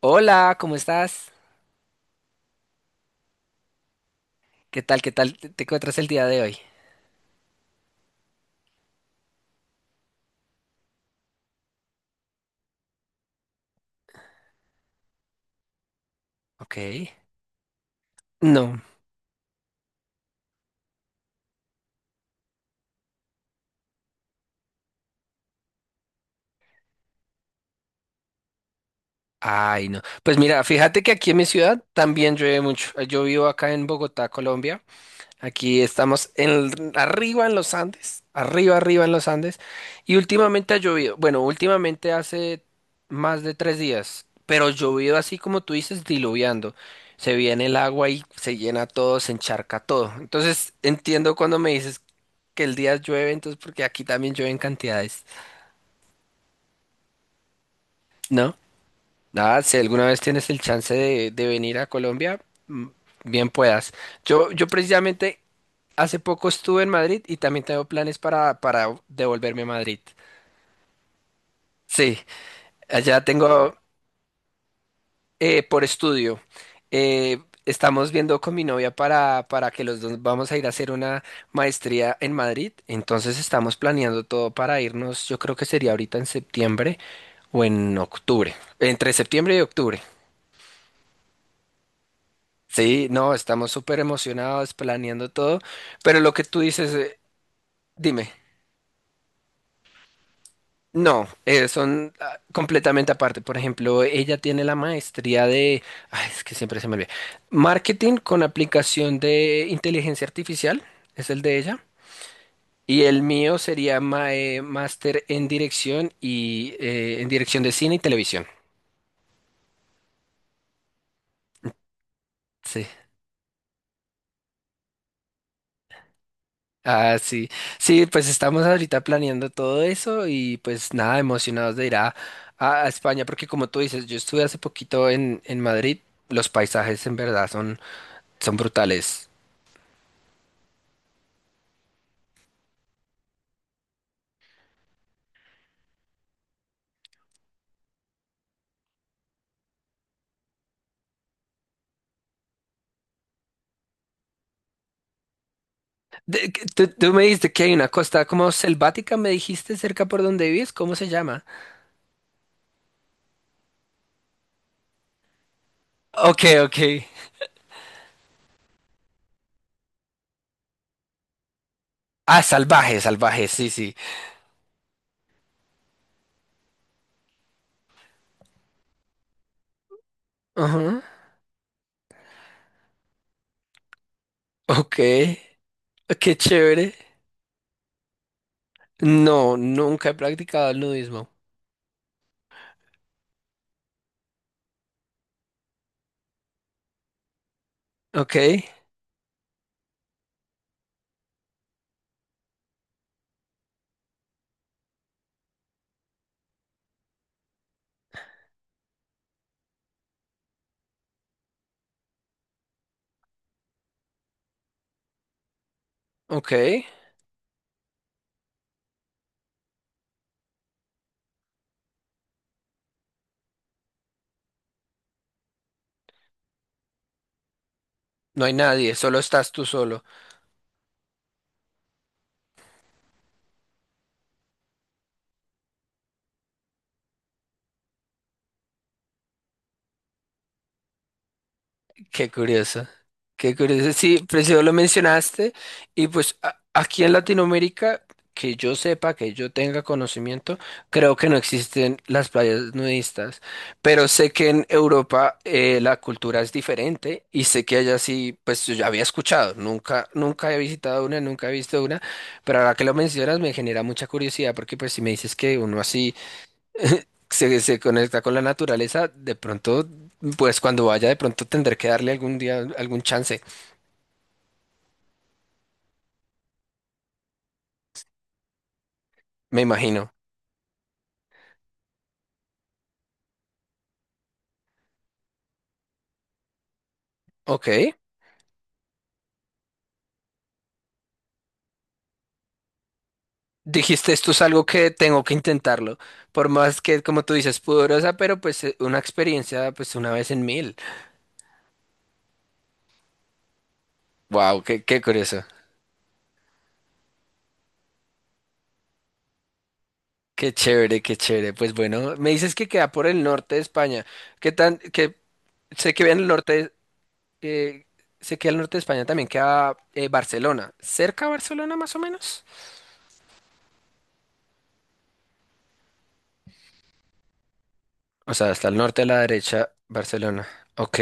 Hola, ¿cómo estás? ¿Qué tal? ¿Qué tal te encuentras el día de hoy? Ok. No. Ay, no. Pues mira, fíjate que aquí en mi ciudad también llueve mucho. Yo vivo acá en Bogotá, Colombia. Aquí estamos en, arriba en los Andes, arriba, arriba en los Andes, y últimamente ha llovido, bueno, últimamente hace más de 3 días, pero llovido así como tú dices, diluviando. Se viene el agua y se llena todo, se encharca todo. Entonces entiendo cuando me dices que el día llueve, entonces porque aquí también llueve en cantidades, ¿no? Nada, si alguna vez tienes el chance de venir a Colombia, mm, bien puedas. Yo precisamente hace poco estuve en Madrid y también tengo planes para devolverme a Madrid. Sí, allá tengo por estudio. Estamos viendo con mi novia para que los dos vamos a ir a hacer una maestría en Madrid. Entonces estamos planeando todo para irnos. Yo creo que sería ahorita en septiembre o en octubre. Entre septiembre y octubre. Sí, no, estamos súper emocionados planeando todo. Pero lo que tú dices, dime. No, son completamente aparte. Por ejemplo, ella tiene la maestría de, ay, es que siempre se me olvida, marketing con aplicación de inteligencia artificial, es el de ella. Y el mío sería máster en dirección y en dirección de cine y televisión. Sí. Ah, sí. Sí, pues estamos ahorita planeando todo eso y pues nada, emocionados de ir a, a España, porque como tú dices, yo estuve hace poquito en Madrid, los paisajes en verdad son, son brutales. Tú me dijiste que hay una costa como selvática, me dijiste cerca por donde vives, ¿cómo se llama? Ok, ok. Ah, salvaje, salvaje, sí, sí. Ajá. Ok, qué chévere. No, nunca he practicado el nudismo. Ok, ok. No hay nadie, solo estás tú solo. Qué curioso, qué curioso. Sí, preciso lo mencionaste. Y pues aquí en Latinoamérica, que yo sepa, que yo tenga conocimiento, creo que no existen las playas nudistas. Pero sé que en Europa la cultura es diferente y sé que allá sí, pues yo ya había escuchado. Nunca, nunca he visitado una, nunca he visto una. Pero ahora que lo mencionas me genera mucha curiosidad porque pues si me dices que uno así se conecta con la naturaleza, de pronto, pues cuando vaya, de pronto tendré que darle algún día algún chance, me imagino. Ok. Dijiste, esto es algo que tengo que intentarlo. Por más que, como tú dices, pudorosa, pero pues una experiencia, pues una vez en mil. Wow, qué, qué curioso. Qué chévere, qué chévere. Pues bueno, me dices que queda por el norte de España. ¿Qué tan, que sé que en el norte, eh, sé que al norte de España también queda Barcelona. ¿Cerca a Barcelona más o menos? O sea, hasta el norte a la derecha, Barcelona. Ok.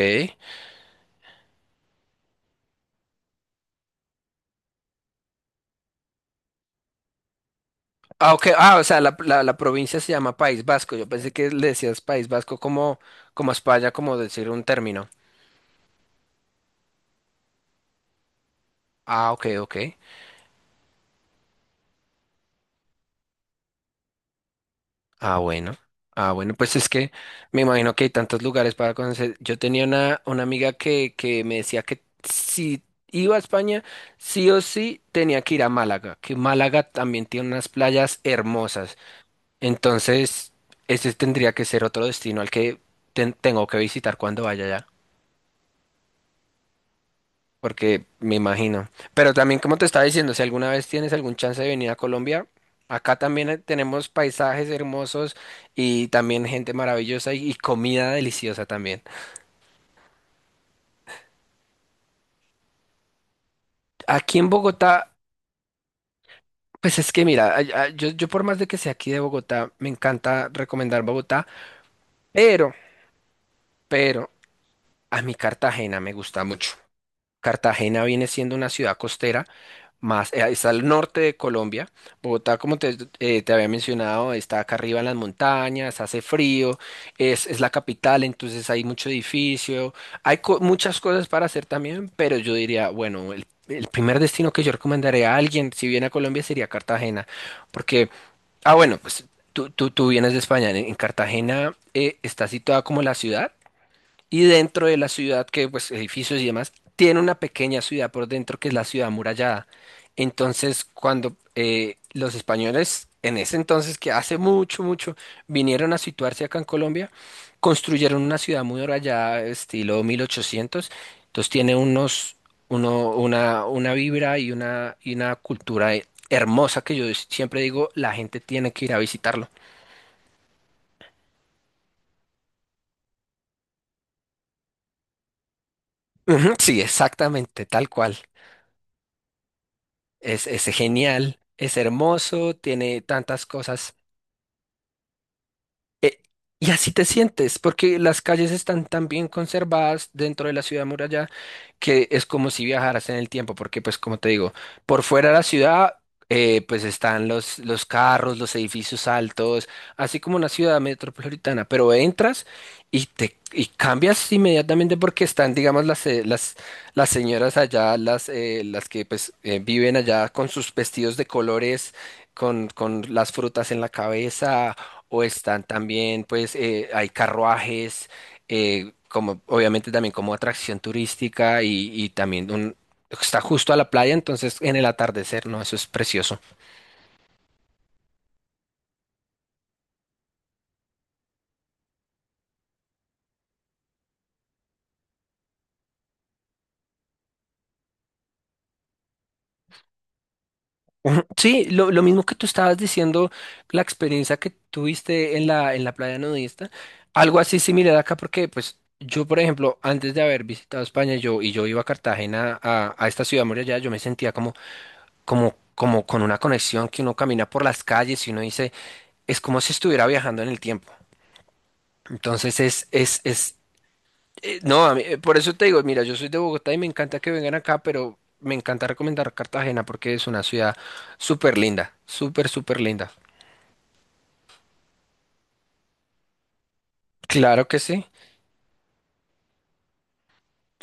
Ah, ok. Ah, o sea, la, la provincia se llama País Vasco. Yo pensé que le decías País Vasco como, como a España, como decir un término. Ah, ok, ok. Ah, bueno. Ah, bueno, pues es que me imagino que hay tantos lugares para conocer. Yo tenía una amiga que me decía que si iba a España, sí o sí tenía que ir a Málaga, que Málaga también tiene unas playas hermosas. Entonces, ese tendría que ser otro destino al que tengo que visitar cuando vaya allá, porque me imagino. Pero también, como te estaba diciendo, si alguna vez tienes algún chance de venir a Colombia, acá también tenemos paisajes hermosos y también gente maravillosa y comida deliciosa también. Aquí en Bogotá, pues es que mira, ay, yo por más de que sea aquí de Bogotá, me encanta recomendar Bogotá, pero, pero a mi Cartagena me gusta mucho. Cartagena viene siendo una ciudad costera. Más, está al norte de Colombia. Bogotá, como te, te había mencionado, está acá arriba en las montañas, hace frío, es la capital, entonces hay mucho edificio, hay muchas cosas para hacer también, pero yo diría, bueno, el primer destino que yo recomendaría a alguien, si viene a Colombia, sería Cartagena, porque, ah, bueno, pues tú vienes de España, en Cartagena está situada como la ciudad. Y dentro de la ciudad, que pues edificios y demás, tiene una pequeña ciudad por dentro que es la ciudad amurallada. Entonces, cuando los españoles en ese entonces, que hace mucho, mucho, vinieron a situarse acá en Colombia, construyeron una ciudad amurallada estilo 1800. Entonces tiene unos, uno, una vibra y una cultura hermosa que yo siempre digo, la gente tiene que ir a visitarlo. Ujú. Sí, exactamente, tal cual. Es genial, es hermoso, tiene tantas cosas. Eh, y así te sientes, porque las calles están tan bien conservadas dentro de la ciudad muralla que es como si viajaras en el tiempo, porque pues como te digo, por fuera de la ciudad pues están los carros, los edificios altos, así como una ciudad metropolitana, pero entras y te y cambias inmediatamente porque están, digamos, las señoras allá, las que pues viven allá con sus vestidos de colores, con las frutas en la cabeza o están también, pues, hay carruajes, como obviamente también como atracción turística y también un, está justo a la playa, entonces en el atardecer, ¿no? Eso es precioso. Ujú. Sí, lo mismo que tú estabas diciendo, la experiencia que tuviste en la playa nudista, algo así similar acá, porque pues yo, por ejemplo, antes de haber visitado España, yo, y yo iba a Cartagena, a esta ciudad muralla, yo me sentía como, como, como con una conexión que uno camina por las calles y uno dice es como si estuviera viajando en el tiempo. Entonces es, no, por eso te digo, mira, yo soy de Bogotá y me encanta que vengan acá, pero me encanta recomendar Cartagena porque es una ciudad súper linda, súper, súper linda. Claro que sí.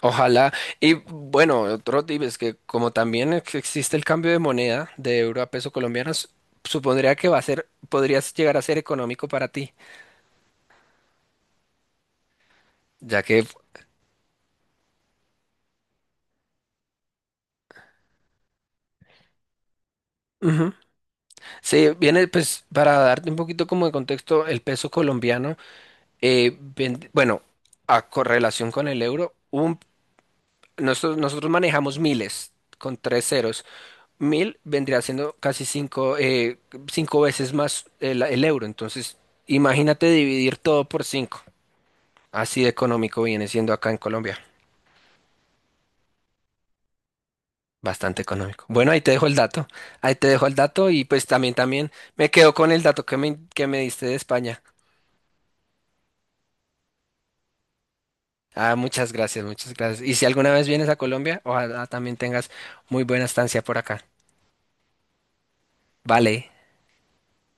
Ojalá. Y bueno, otro tip es que como también existe el cambio de moneda de euro a peso colombiano, supondría que va a ser, podrías llegar a ser económico para ti, ya que Ujú. Sí, viene pues para darte un poquito como de contexto, el peso colombiano bueno, a correlación con el euro, nosotros, nosotros manejamos miles con tres ceros. Mil vendría siendo casi cinco, cinco veces más el euro. Entonces, imagínate dividir todo por cinco. Así de económico viene siendo acá en Colombia. Bastante económico. Bueno, ahí te dejo el dato. Ahí te dejo el dato y pues también, también me quedo con el dato que me diste de España. Ah, muchas gracias, muchas gracias. Y si alguna vez vienes a Colombia, ojalá también tengas muy buena estancia por acá. Vale.